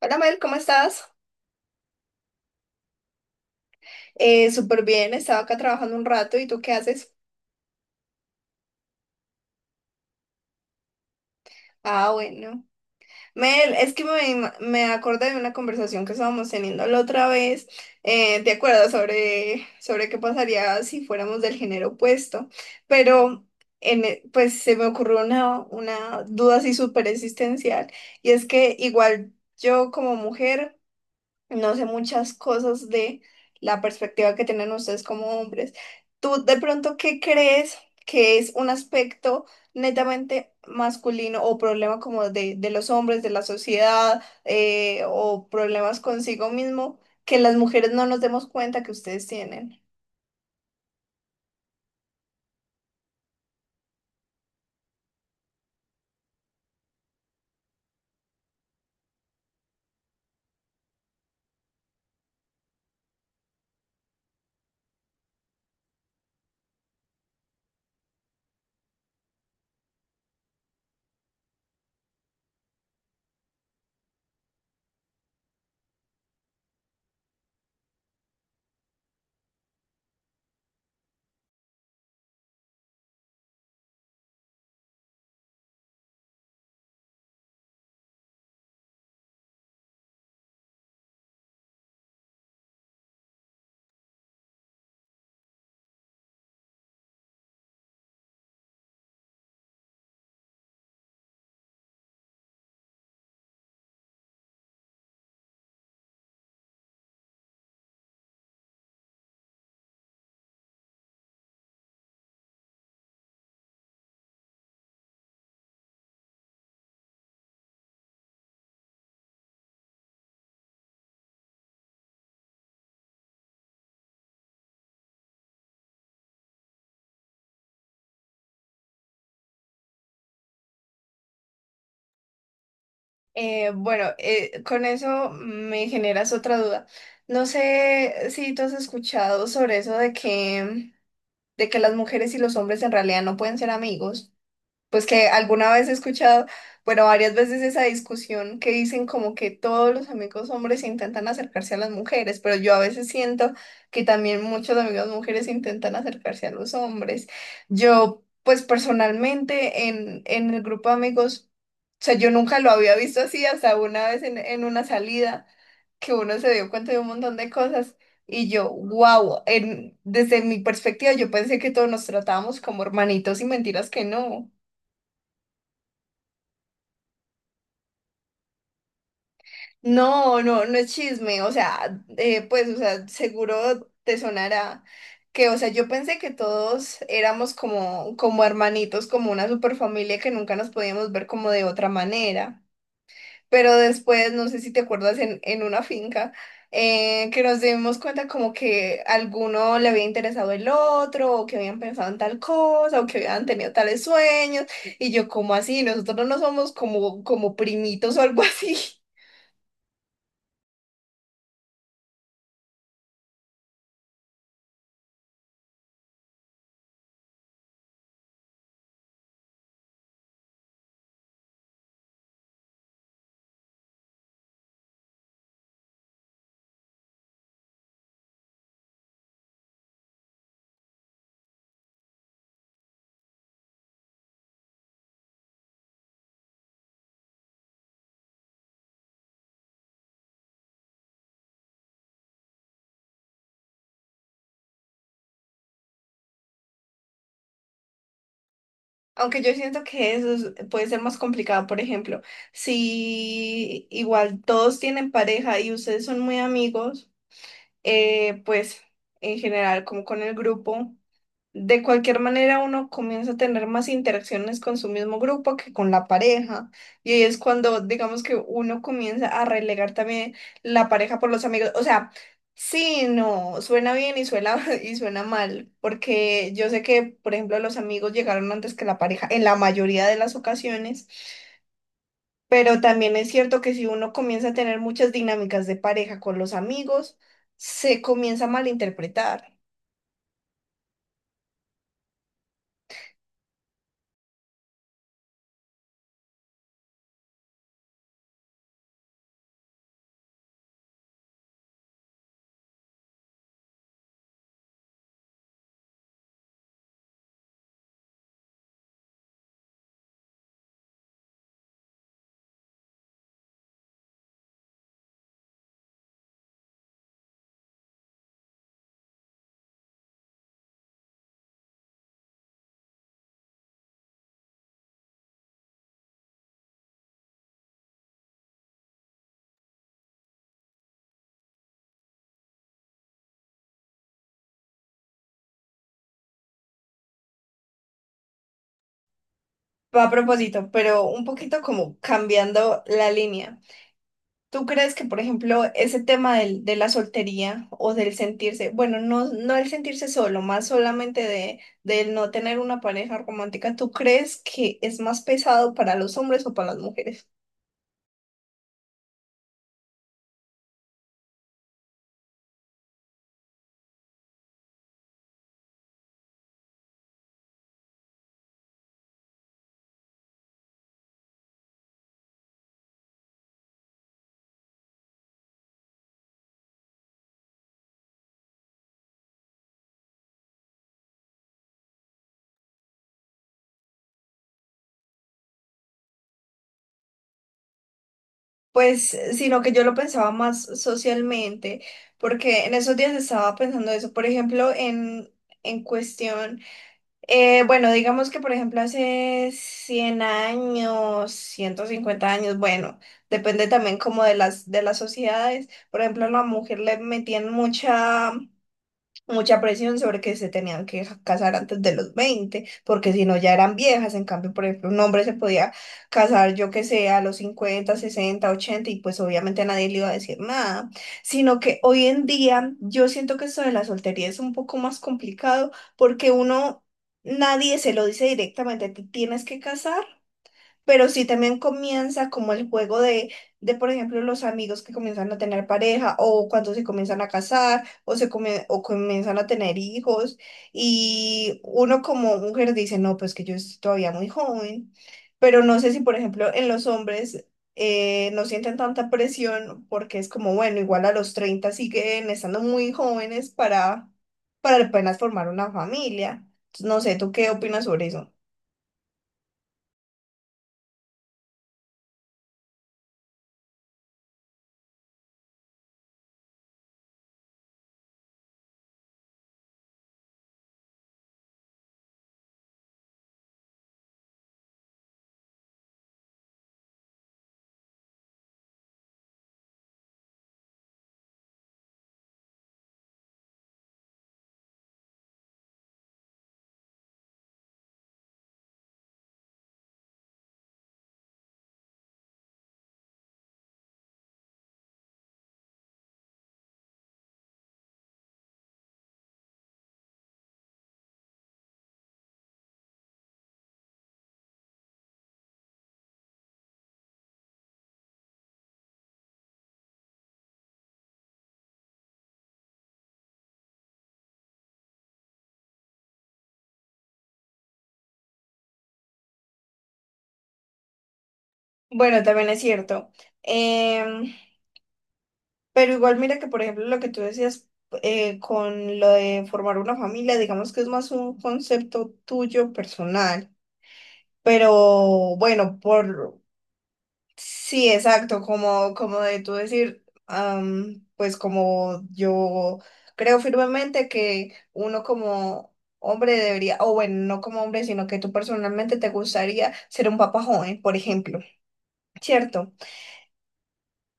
Hola Mel, ¿cómo estás? Súper bien, estaba acá trabajando un rato. ¿Y tú qué haces? Ah, bueno. Mel, es que me acordé de una conversación que estábamos teniendo la otra vez. ¿Te acuerdas sobre qué pasaría si fuéramos del género opuesto? Pero pues se me ocurrió una duda así súper existencial, y es que igual yo como mujer no sé muchas cosas de la perspectiva que tienen ustedes como hombres. ¿Tú de pronto qué crees que es un aspecto netamente masculino o problema como de los hombres, de la sociedad, o problemas consigo mismo que las mujeres no nos demos cuenta que ustedes tienen? Bueno, con eso me generas otra duda. No sé si tú has escuchado sobre eso de que las mujeres y los hombres en realidad no pueden ser amigos. Pues que alguna vez he escuchado, bueno, varias veces esa discusión, que dicen como que todos los amigos hombres intentan acercarse a las mujeres, pero yo a veces siento que también muchos amigos mujeres intentan acercarse a los hombres. Yo, pues personalmente en el grupo de amigos, o sea, yo nunca lo había visto así hasta una vez en una salida que uno se dio cuenta de un montón de cosas, y yo, wow, en, desde mi perspectiva yo pensé que todos nos tratábamos como hermanitos, y mentiras que no. No es chisme, o sea, pues, o sea, seguro te sonará que, o sea, yo pensé que todos éramos como, como hermanitos, como una superfamilia que nunca nos podíamos ver como de otra manera. Pero después, no sé si te acuerdas, en una finca, que nos dimos cuenta como que alguno le había interesado el otro, o que habían pensado en tal cosa, o que habían tenido tales sueños, y yo, como así? Nosotros no somos como, como primitos o algo así. Aunque yo siento que puede ser más complicado. Por ejemplo, si igual todos tienen pareja y ustedes son muy amigos, pues en general como con el grupo. De cualquier manera, uno comienza a tener más interacciones con su mismo grupo que con la pareja. Y ahí es cuando, digamos, que uno comienza a relegar también la pareja por los amigos. O sea, sí, no, suena bien y suena, y suena mal, porque yo sé que, por ejemplo, los amigos llegaron antes que la pareja en la mayoría de las ocasiones, pero también es cierto que si uno comienza a tener muchas dinámicas de pareja con los amigos, se comienza a malinterpretar. Va a propósito, pero un poquito como cambiando la línea. ¿Tú crees que, por ejemplo, ese tema de la soltería o del sentirse, bueno, no el sentirse solo, más solamente del no tener una pareja romántica, tú crees que es más pesado para los hombres o para las mujeres? Pues, sino que yo lo pensaba más socialmente, porque en esos días estaba pensando eso, por ejemplo, en cuestión... Bueno, digamos que por ejemplo hace 100 años, 150 años, bueno, depende también como de de las sociedades. Por ejemplo, a la mujer le metían mucha presión sobre que se tenían que casar antes de los 20 porque si no ya eran viejas. En cambio, por ejemplo, un hombre se podía casar, yo que sé, a los 50, 60, 80 y pues obviamente nadie le iba a decir nada. Sino que hoy en día yo siento que esto de la soltería es un poco más complicado porque uno, nadie se lo dice directamente, te tienes que casar. Pero sí también comienza como el juego de, por ejemplo, los amigos que comienzan a tener pareja, o cuando se comienzan a casar, o comienzan a tener hijos, y uno como mujer dice, no, pues que yo estoy todavía muy joven, pero no sé si, por ejemplo, en los hombres no sienten tanta presión, porque es como, bueno, igual a los 30 siguen estando muy jóvenes para apenas formar una familia. Entonces, no sé, ¿tú qué opinas sobre eso? Bueno, también es cierto. Em, pero igual mira que, por ejemplo, lo que tú decías, con lo de formar una familia, digamos que es más un concepto tuyo personal. Pero bueno, por sí, exacto, como, como de tú decir, pues como yo creo firmemente que uno como hombre debería, o bueno, no como hombre, sino que tú personalmente te gustaría ser un papá joven, por ejemplo, ¿cierto?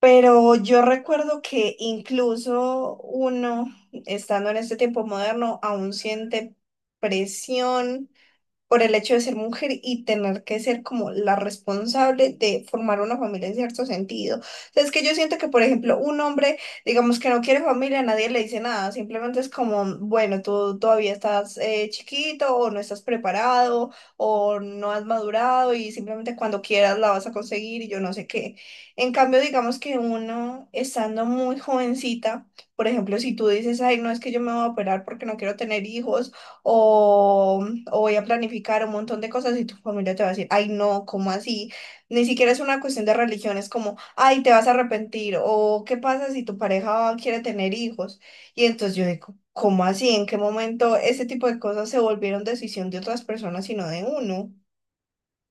Pero yo recuerdo que incluso uno, estando en este tiempo moderno, aún siente presión por el hecho de ser mujer y tener que ser como la responsable de formar una familia en cierto sentido. O sea, es que yo siento que, por ejemplo, un hombre, digamos que no quiere familia, nadie le dice nada, simplemente es como, bueno, tú todavía estás chiquito, o no estás preparado o no has madurado, y simplemente cuando quieras la vas a conseguir y yo no sé qué. En cambio, digamos que uno estando muy jovencita, por ejemplo, si tú dices, ay, no, es que yo me voy a operar porque no quiero tener hijos, o, o voy a planificar un montón de cosas, y tu familia te va a decir, ay, no, ¿cómo así? Ni siquiera es una cuestión de religión, es como, ay, te vas a arrepentir. O qué pasa si tu pareja quiere tener hijos. Y entonces yo digo, ¿cómo así? ¿En qué momento ese tipo de cosas se volvieron decisión de otras personas y no de uno?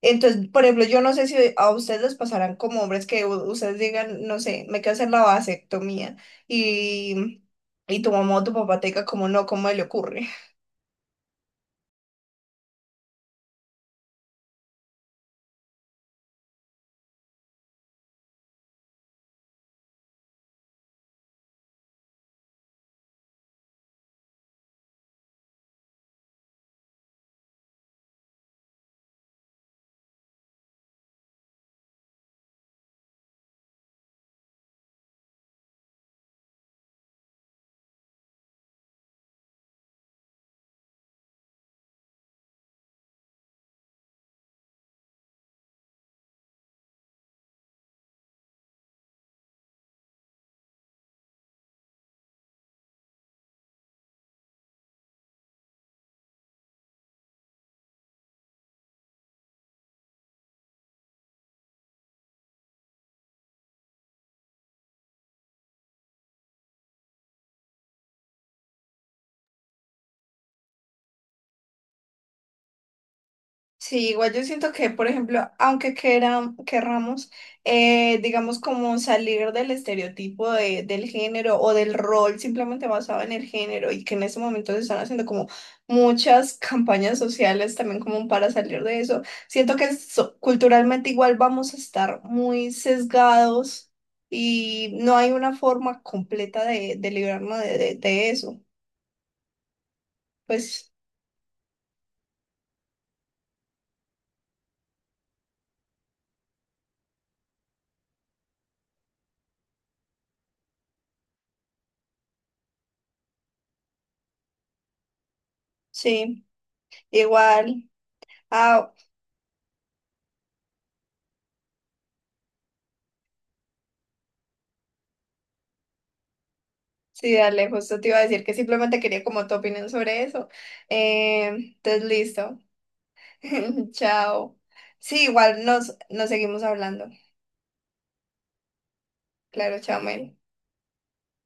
Entonces, por ejemplo, yo no sé si a ustedes les pasarán como hombres que ustedes digan, no sé, me quiero hacer la vasectomía, y, y tu mamá o tu papá te diga como no, ¿cómo le ocurre? Sí, igual yo siento que, por ejemplo, aunque querramos, digamos, como salir del estereotipo del género o del rol simplemente basado en el género, y que en este momento se están haciendo como muchas campañas sociales también como para salir de eso, siento que culturalmente igual vamos a estar muy sesgados y no hay una forma completa de librarnos de eso. Pues sí, igual. Ah, sí, dale, justo te iba a decir que simplemente quería como tu opinión sobre eso. Entonces, listo. Chao. Sí, igual nos seguimos hablando. Claro, chao, Mel.